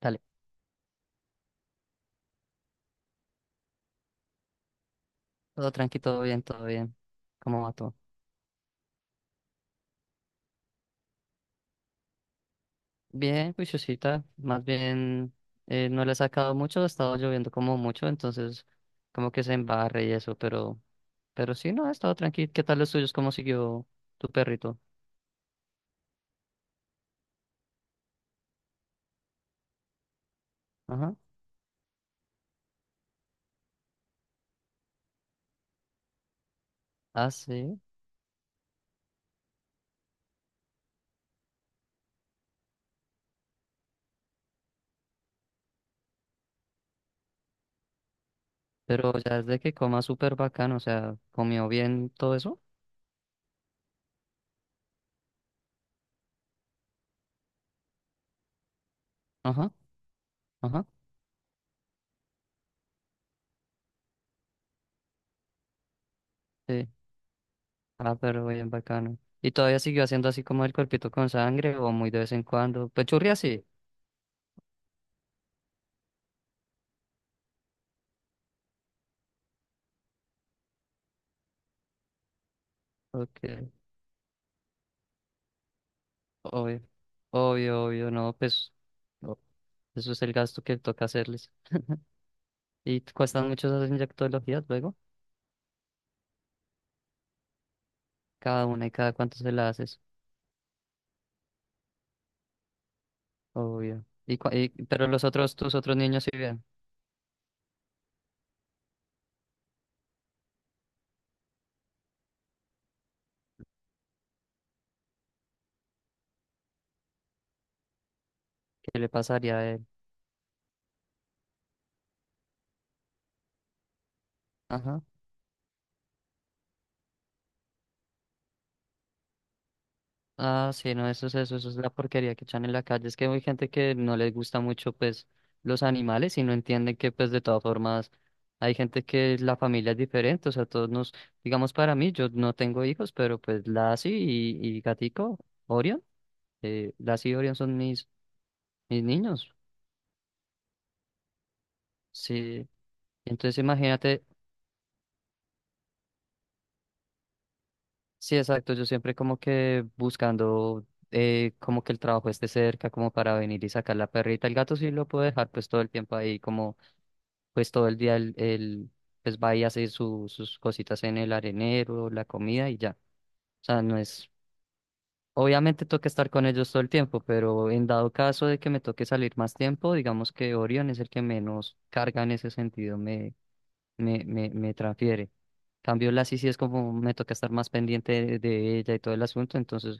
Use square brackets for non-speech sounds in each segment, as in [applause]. Dale, todo tranqui, todo bien, todo bien. ¿Cómo va todo? Bien, juiciosita. Más bien, no le ha sacado mucho, ha estado lloviendo como mucho, entonces como que se embarre y eso, pero sí, no, ha estado tranqui. ¿Qué tal los tuyos? ¿Cómo siguió tu perrito? Ajá. Ah, sí. Pero ya es de que coma súper bacano, o sea, comió bien todo eso. Ajá, ajá, sí. Ah, pero bien bacano. ¿Y todavía siguió haciendo así como el cuerpito con sangre o muy de vez en cuando? Pues churria sí. Ok. Obvio, obvio, obvio, no, pues no, eso es el gasto que toca hacerles. ¿Y te cuestan mucho esas inyectologías luego? Cada una y cada cuánto se la haces, obvio. Y, cua- y- pero los otros, tus otros niños sí bien, ¿qué le pasaría a él? Ajá. Ah, sí, no, eso es eso, eso es la porquería que echan en la calle. Es que hay gente que no les gusta mucho, pues, los animales y no entienden que, pues, de todas formas, hay gente que la familia es diferente. O sea, todos nos, digamos, para mí, yo no tengo hijos, pero pues la sí y gatico, Orion. Las y Orion son mis, mis niños. Sí. Entonces imagínate, sí, exacto, yo siempre como que buscando como que el trabajo esté cerca, como para venir y sacar la perrita. El gato sí lo puedo dejar pues todo el tiempo ahí, como pues todo el día él, él, pues va y hace su- sus cositas en el arenero, la comida y ya. O sea, no es, obviamente toca estar con ellos todo el tiempo, pero en dado caso de que me toque salir más tiempo, digamos que Orion es el que menos carga en ese sentido me transfiere. Cambio la sí sí es como me toca estar más pendiente de ella y todo el asunto, entonces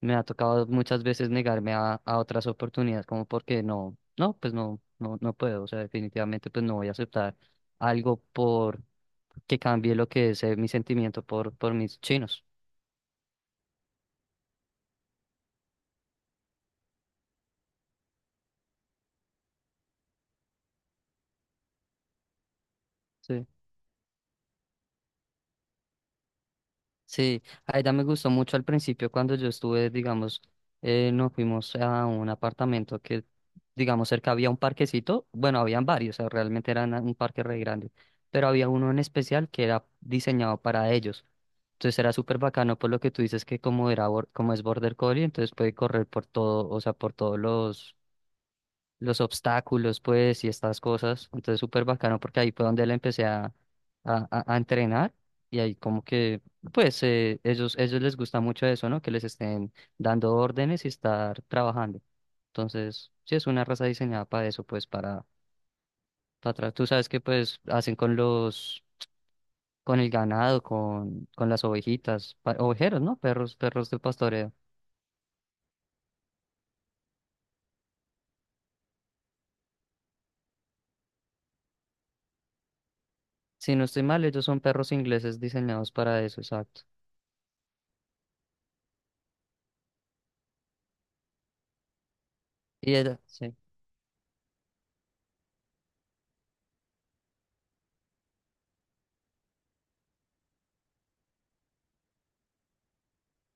me ha tocado muchas veces negarme a otras oportunidades, como porque no, no, pues no, no, no puedo, o sea, definitivamente pues no voy a aceptar algo por que cambie lo que es mi sentimiento por mis chinos. Sí. Sí, a ella me gustó mucho al principio cuando yo estuve, digamos, nos fuimos a un apartamento que, digamos, cerca había un parquecito, bueno, habían varios, o sea, realmente era una- un parque re grande, pero había uno en especial que era diseñado para ellos. Entonces era súper bacano por lo que tú dices que como era, bor- como es Border Collie, entonces puede correr por todo, o sea, por todos los obstáculos, pues, y estas cosas. Entonces, súper bacano porque ahí fue donde le empecé a entrenar y ahí como que, pues, ellos, ellos les gusta mucho eso, ¿no? Que les estén dando órdenes y estar trabajando. Entonces, sí, es una raza diseñada para eso, pues, para atrás. Tú sabes que, pues, hacen con los, con el ganado, con las ovejitas, pa- ovejeros, ¿no? Perros, perros de pastoreo. Si no estoy mal, ellos son perros ingleses diseñados para eso, exacto. Y ella, sí.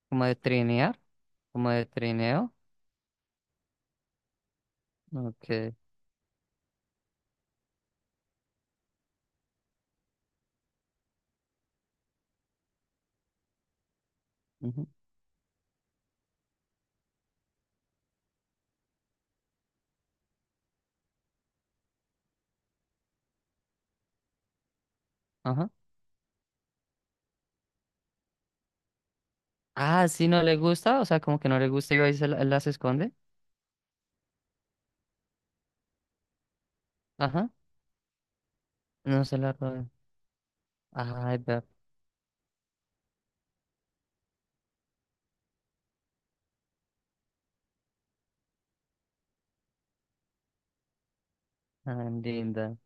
Como de trinear, como de trineo. Okay, ujú, ajá. Ah, si no le gusta, o sea, como que no le gusta y ahí se la- las esconde. Ajá. No se la roba. Ay, pero tan linda,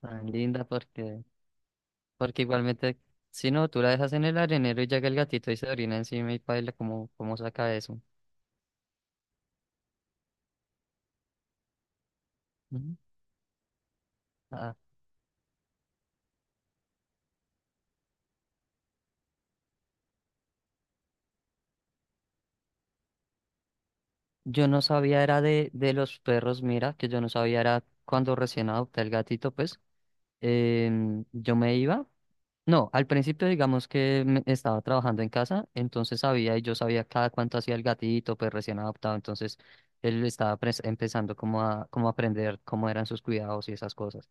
tan linda porque, porque igualmente, si no, tú la dejas en el arenero y llega el gatito y se orina encima y paila, ¿cómo, cómo saca eso? Ujú. Ah, yo no sabía era de los perros, mira, que yo no sabía era cuando recién adopté el gatito, pues, yo me iba. No, al principio digamos que me- estaba trabajando en casa, entonces sabía y yo sabía cada cuánto hacía el gatito, pues recién adoptado, entonces él estaba pres- empezando como a como a aprender cómo eran sus cuidados y esas cosas.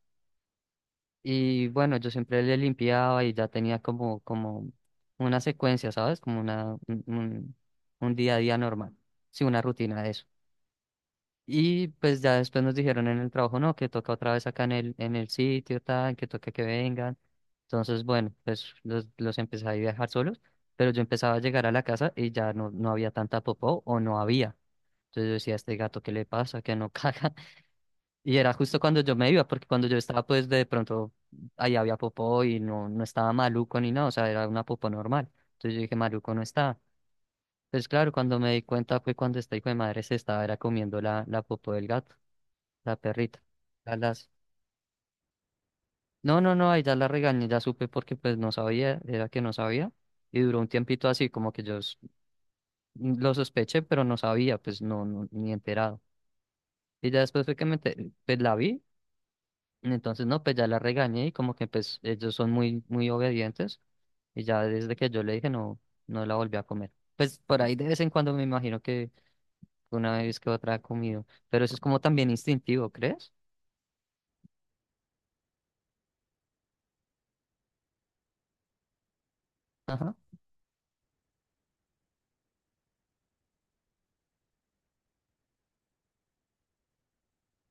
Y bueno, yo siempre le limpiaba y ya tenía como como una secuencia, ¿sabes? Como una un día a día normal, sí, una rutina de eso. Y pues ya después nos dijeron en el trabajo, no, que toca otra vez acá en el sitio, tal, que toca que vengan. Entonces, bueno, pues los empecé ahí a dejar solos, pero yo empezaba a llegar a la casa y ya no, no había tanta popó o no había. Entonces yo decía, este gato, ¿qué le pasa? Que no caga. [laughs] Y era justo cuando yo me iba, porque cuando yo estaba, pues de pronto ahí había popó y no, no estaba maluco ni nada, o sea, era una popó normal. Entonces yo dije, maluco no estaba. Pues claro, cuando me di cuenta fue cuando este hijo de madre se estaba era comiendo la, la popó del gato. La perrita. A las... No, no, no, ahí ya la regañé, ya supe porque pues no sabía, era que no sabía. Y duró un tiempito así, como que yo s- lo sospeché, pero no sabía, pues no, no ni enterado. Y ya después fue que me ente- pues la vi, entonces no, pues ya la regañé y como que pues ellos son muy, muy obedientes. Y ya desde que yo le dije no, no la volví a comer. Pues por ahí de vez en cuando me imagino que una vez que otra ha comido. Pero eso es como también instintivo, ¿crees? Ajá.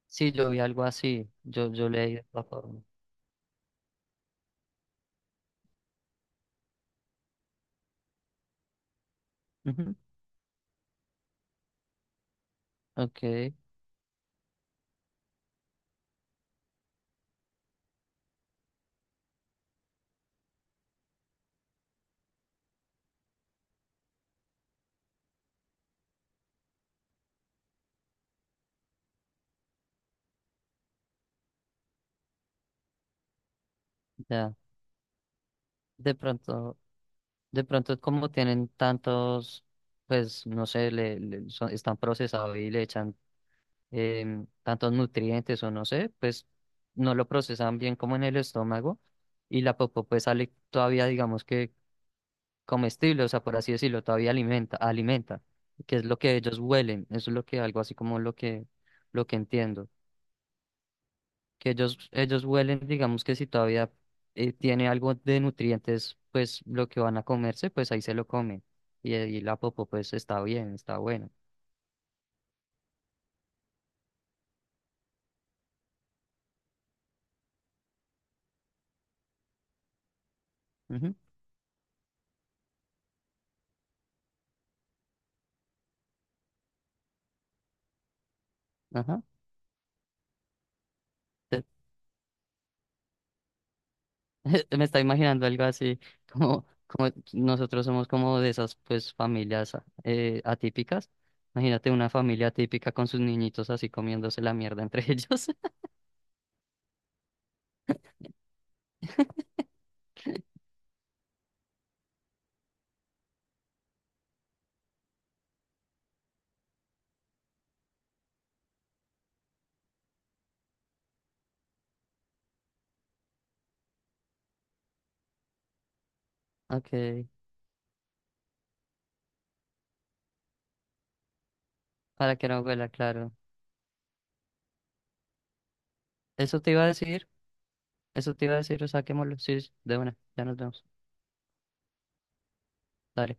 Sí, yo vi algo así, yo leí de esta forma. Ujú. Ok, ya. De pronto, de pronto como tienen tantos, pues no sé, le- son- están procesados y le echan tantos nutrientes o no sé, pues no lo procesan bien como en el estómago y la popó pues sale todavía, digamos que comestible, o sea, por así decirlo, todavía alimenta, alimenta, que es lo que ellos huelen, eso es lo que algo así como lo que entiendo. Que ellos huelen, digamos que si todavía tiene algo de nutrientes, pues lo que van a comerse, pues ahí se lo comen. Y, ahí la popo, pues está bien, está bueno. Ujú, ajá. Te- [laughs] me está imaginando algo así, [laughs] como, como nosotros somos como de esas pues familias atípicas. Imagínate una familia atípica con sus niñitos así comiéndose la mierda entre [laughs] ellos. Ok, para que no huela, claro. Eso te iba a decir, eso te iba a decir, o saquémoslo, sí, sí, de una, ya nos vemos. Dale.